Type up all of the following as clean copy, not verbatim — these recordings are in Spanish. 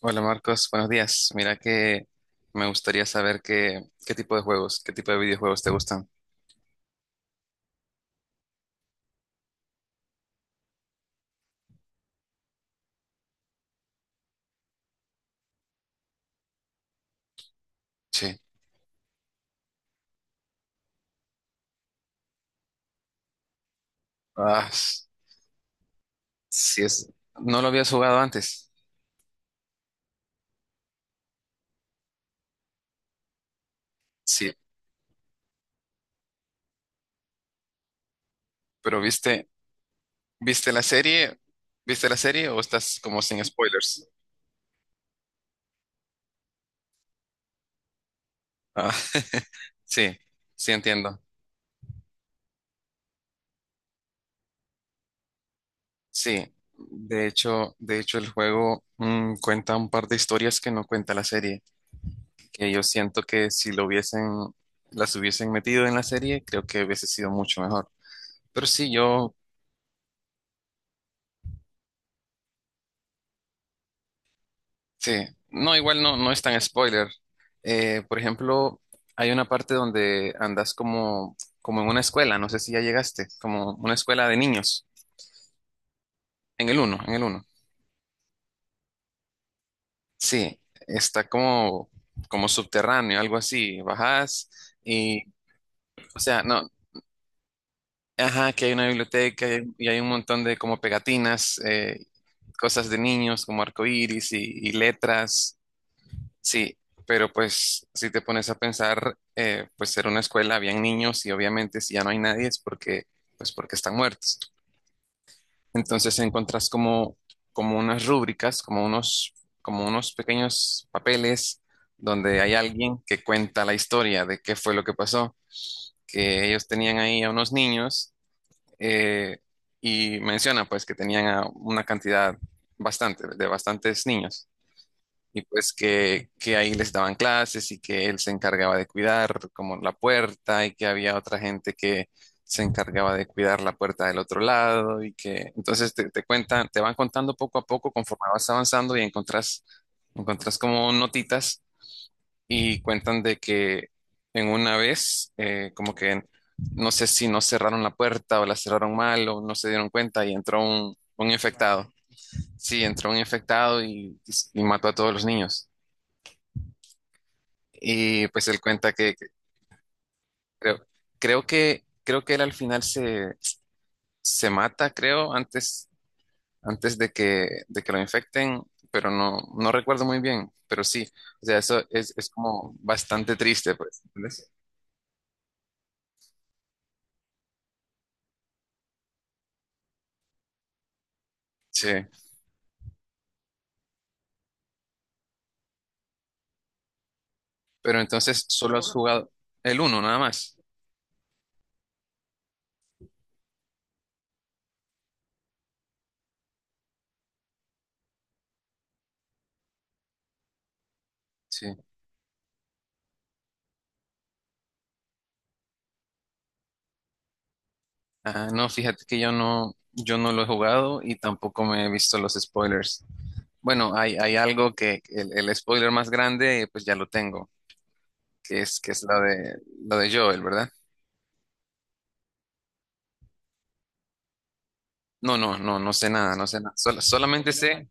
Hola Marcos, buenos días. Mira que me gustaría saber qué tipo de juegos, qué tipo de videojuegos te gustan. Sí. Ah, sí es. ¿No lo habías jugado antes? Sí, pero ¿viste la serie? ¿Viste la serie o estás como sin spoilers? Ah, sí, sí entiendo. Sí, de hecho el juego cuenta un par de historias que no cuenta la serie, que yo siento que si las hubiesen metido en la serie, creo que hubiese sido mucho mejor. Pero sí, sí, no, igual no, no es tan spoiler. Por ejemplo, hay una parte donde andas como en una escuela, no sé si ya llegaste, como una escuela de niños, en el uno, en el uno. Sí, está como subterráneo, algo así, y, o sea, no, ajá, que hay una biblioteca y hay un montón de como pegatinas, cosas de niños, como arcoíris y letras. Sí, pero pues si te pones a pensar, pues era una escuela, habían niños y obviamente si ya no hay nadie es pues porque están muertos. Entonces encontrás como unas rúbricas, como unos pequeños papeles donde hay alguien que cuenta la historia de qué fue lo que pasó, que ellos tenían ahí a unos niños eh, y menciona pues que tenían a una cantidad de bastantes niños. Y pues que ahí les daban clases y que él se encargaba de cuidar como la puerta y que había otra gente que se encargaba de cuidar la puerta del otro lado y que entonces te cuentan, te van contando poco a poco conforme vas avanzando y encontrás como notitas y cuentan de que en una vez como que no sé si no cerraron la puerta o la cerraron mal o no se dieron cuenta y entró un infectado. Sí, entró un infectado y mató a todos los niños. Y pues él cuenta que creo, creo que él al final se mata, creo, antes de que lo infecten, pero no recuerdo muy bien, pero sí, o sea, eso es como bastante triste, pues. ¿Entendés? Sí, pero entonces solo has jugado el uno nada más. Sí. Ah, no, fíjate que yo no lo he jugado y tampoco me he visto los spoilers. Bueno, hay algo que el spoiler más grande, pues ya lo tengo. Que es la de Joel, ¿verdad? No, no, no, no sé nada, no sé nada. Sol- solamente sé,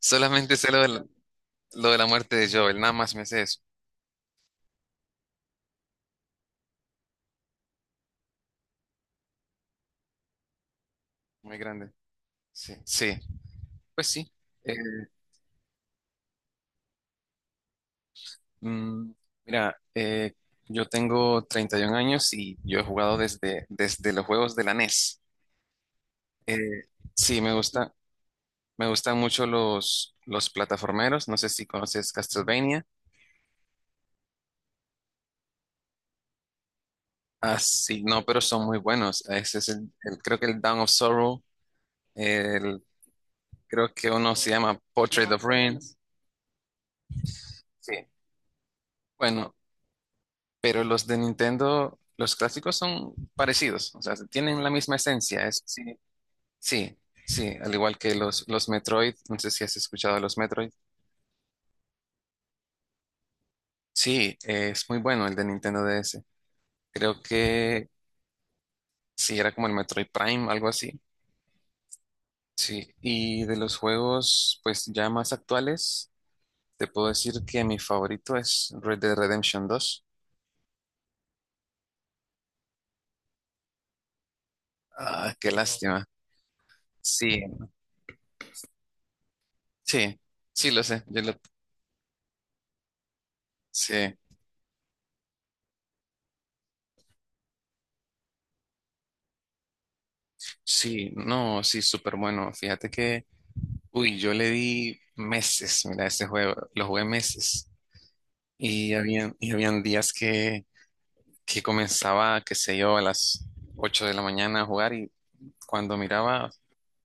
solamente sé lo de la muerte de Joel, nada más me sé eso. Muy grande. Sí, sí, pues sí. Eh, mm, mira, yo tengo 31 años y yo he jugado desde los juegos de la NES. Eh, sí, me gustan mucho los plataformeros. No sé si conoces Castlevania. Ah, sí, no, pero son muy buenos. Ese es creo que el Dawn of Sorrow. El Creo que uno se llama Portrait of Rain. Sí. Bueno, pero los de Nintendo, los clásicos son parecidos, o sea, tienen la misma esencia. Sí, sí, sí, al igual que los Metroid, no sé si has escuchado de los Metroid. Sí, es muy bueno el de Nintendo DS. Creo que sí, era como el Metroid Prime, algo así. Sí, y de los juegos, pues ya más actuales, te puedo decir que mi favorito es Red Dead Redemption 2. Ah, qué lástima. Sí, sí, sí lo sé, yo lo sí, sí, no, sí, súper bueno. Fíjate que, uy, yo le di meses, mira, este juego, lo jugué meses y habían días que comenzaba, qué sé yo, a las 8 de la mañana a jugar y cuando miraba,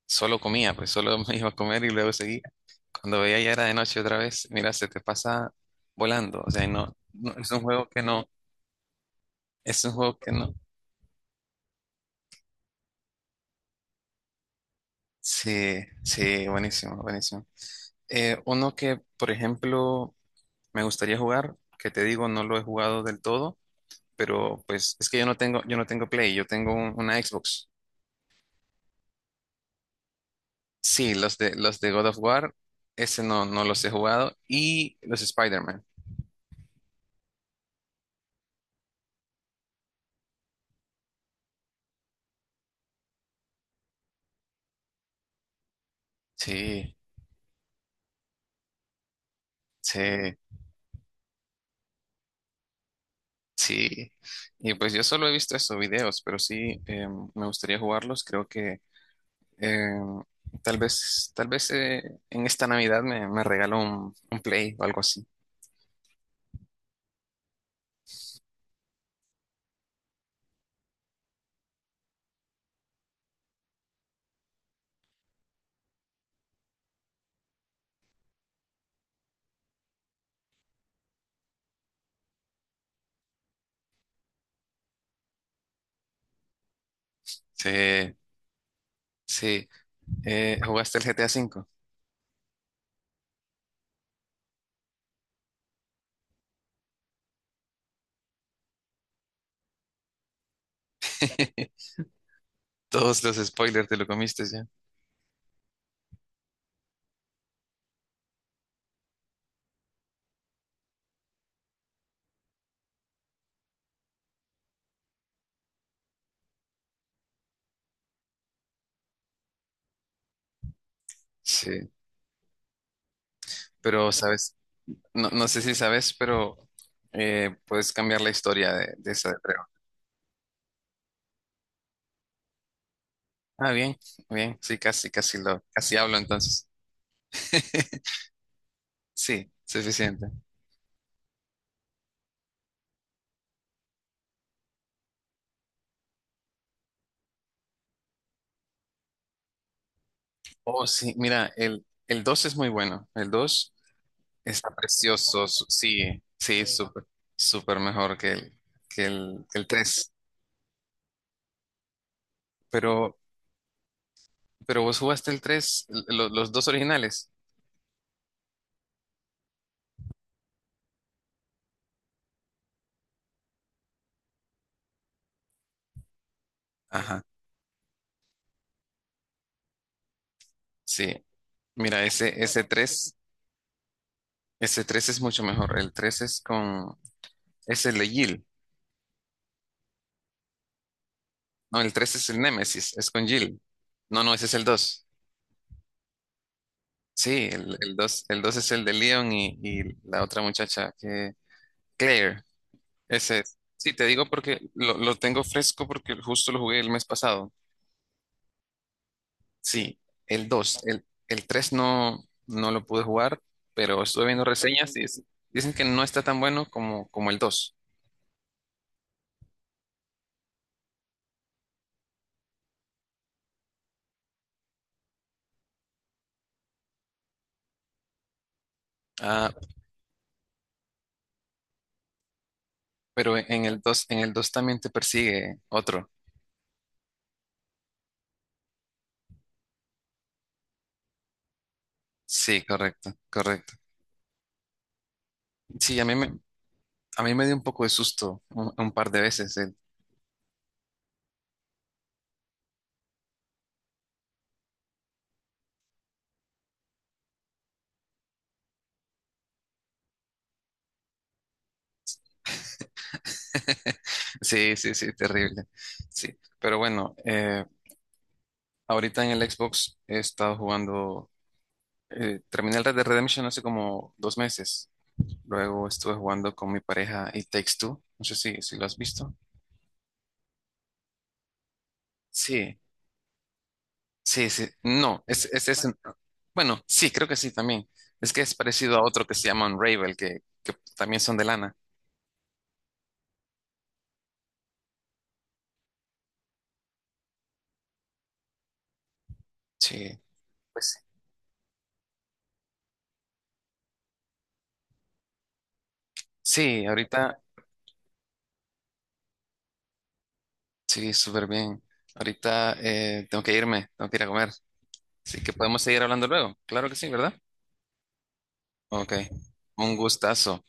solo comía, pues solo me iba a comer y luego seguía. Cuando veía ya era de noche otra vez, mira, se te pasa volando, o sea, no, no, es un juego que no, sí, sí, buenísimo, buenísimo. Uno que, por ejemplo, me gustaría jugar, que te digo, no lo he jugado del todo, pero pues es que yo no tengo Play, yo tengo una Xbox. Sí, los de God of War, ese no los he jugado, y los Spider-Man. Sí, sí, sí. Y pues yo solo he visto esos videos, pero sí, me gustaría jugarlos. Creo que eh, tal vez en esta Navidad me regalo un Play o algo así. Sí, sí. ¿Jugaste el GTA V? Todos los spoilers te lo comiste ya. Sí, pero no, no sé si sabes, pero puedes cambiar la historia de esa de Trevor. Ah, bien, bien, sí, casi hablo entonces. Sí, suficiente. Oh, sí, mira, el 2 es muy bueno. El 2 está precioso. Sí, sí, súper mejor que el 3. Pero, pero vos jugaste el 3, los dos originales. Ajá, sí. Mira, ese 3 es mucho mejor. El 3 es es el de Jill. No, el 3 es el Nemesis, es con Jill. No, no, ese es el dos. Sí, el dos es el de Leon y la otra muchacha que, Claire, ese es. Sí, te digo porque lo tengo fresco porque justo lo jugué el mes pasado. Sí, el dos. El 3 no lo pude jugar, pero estuve viendo reseñas y dicen que no está tan bueno como el 2. Pero en el dos también te persigue otro. Sí, correcto, correcto. Sí, a mí me dio un poco de susto un par de veces. Sí, sí, sí, terrible. Sí, pero bueno, ahorita en el Xbox he estado jugando, terminé el Red Dead Redemption hace como 2 meses. Luego estuve jugando con mi pareja y Takes Two. No sé si lo has visto. Sí. Sí, sí, no, bueno, sí, creo que sí también. Es que es parecido a otro que se llama Unravel, que también son de lana. Sí, pues sí, ahorita, sí, súper bien. Ahorita tengo que irme, tengo que ir a comer. Así que podemos seguir hablando luego. Claro que sí, ¿verdad? Ok, un gustazo.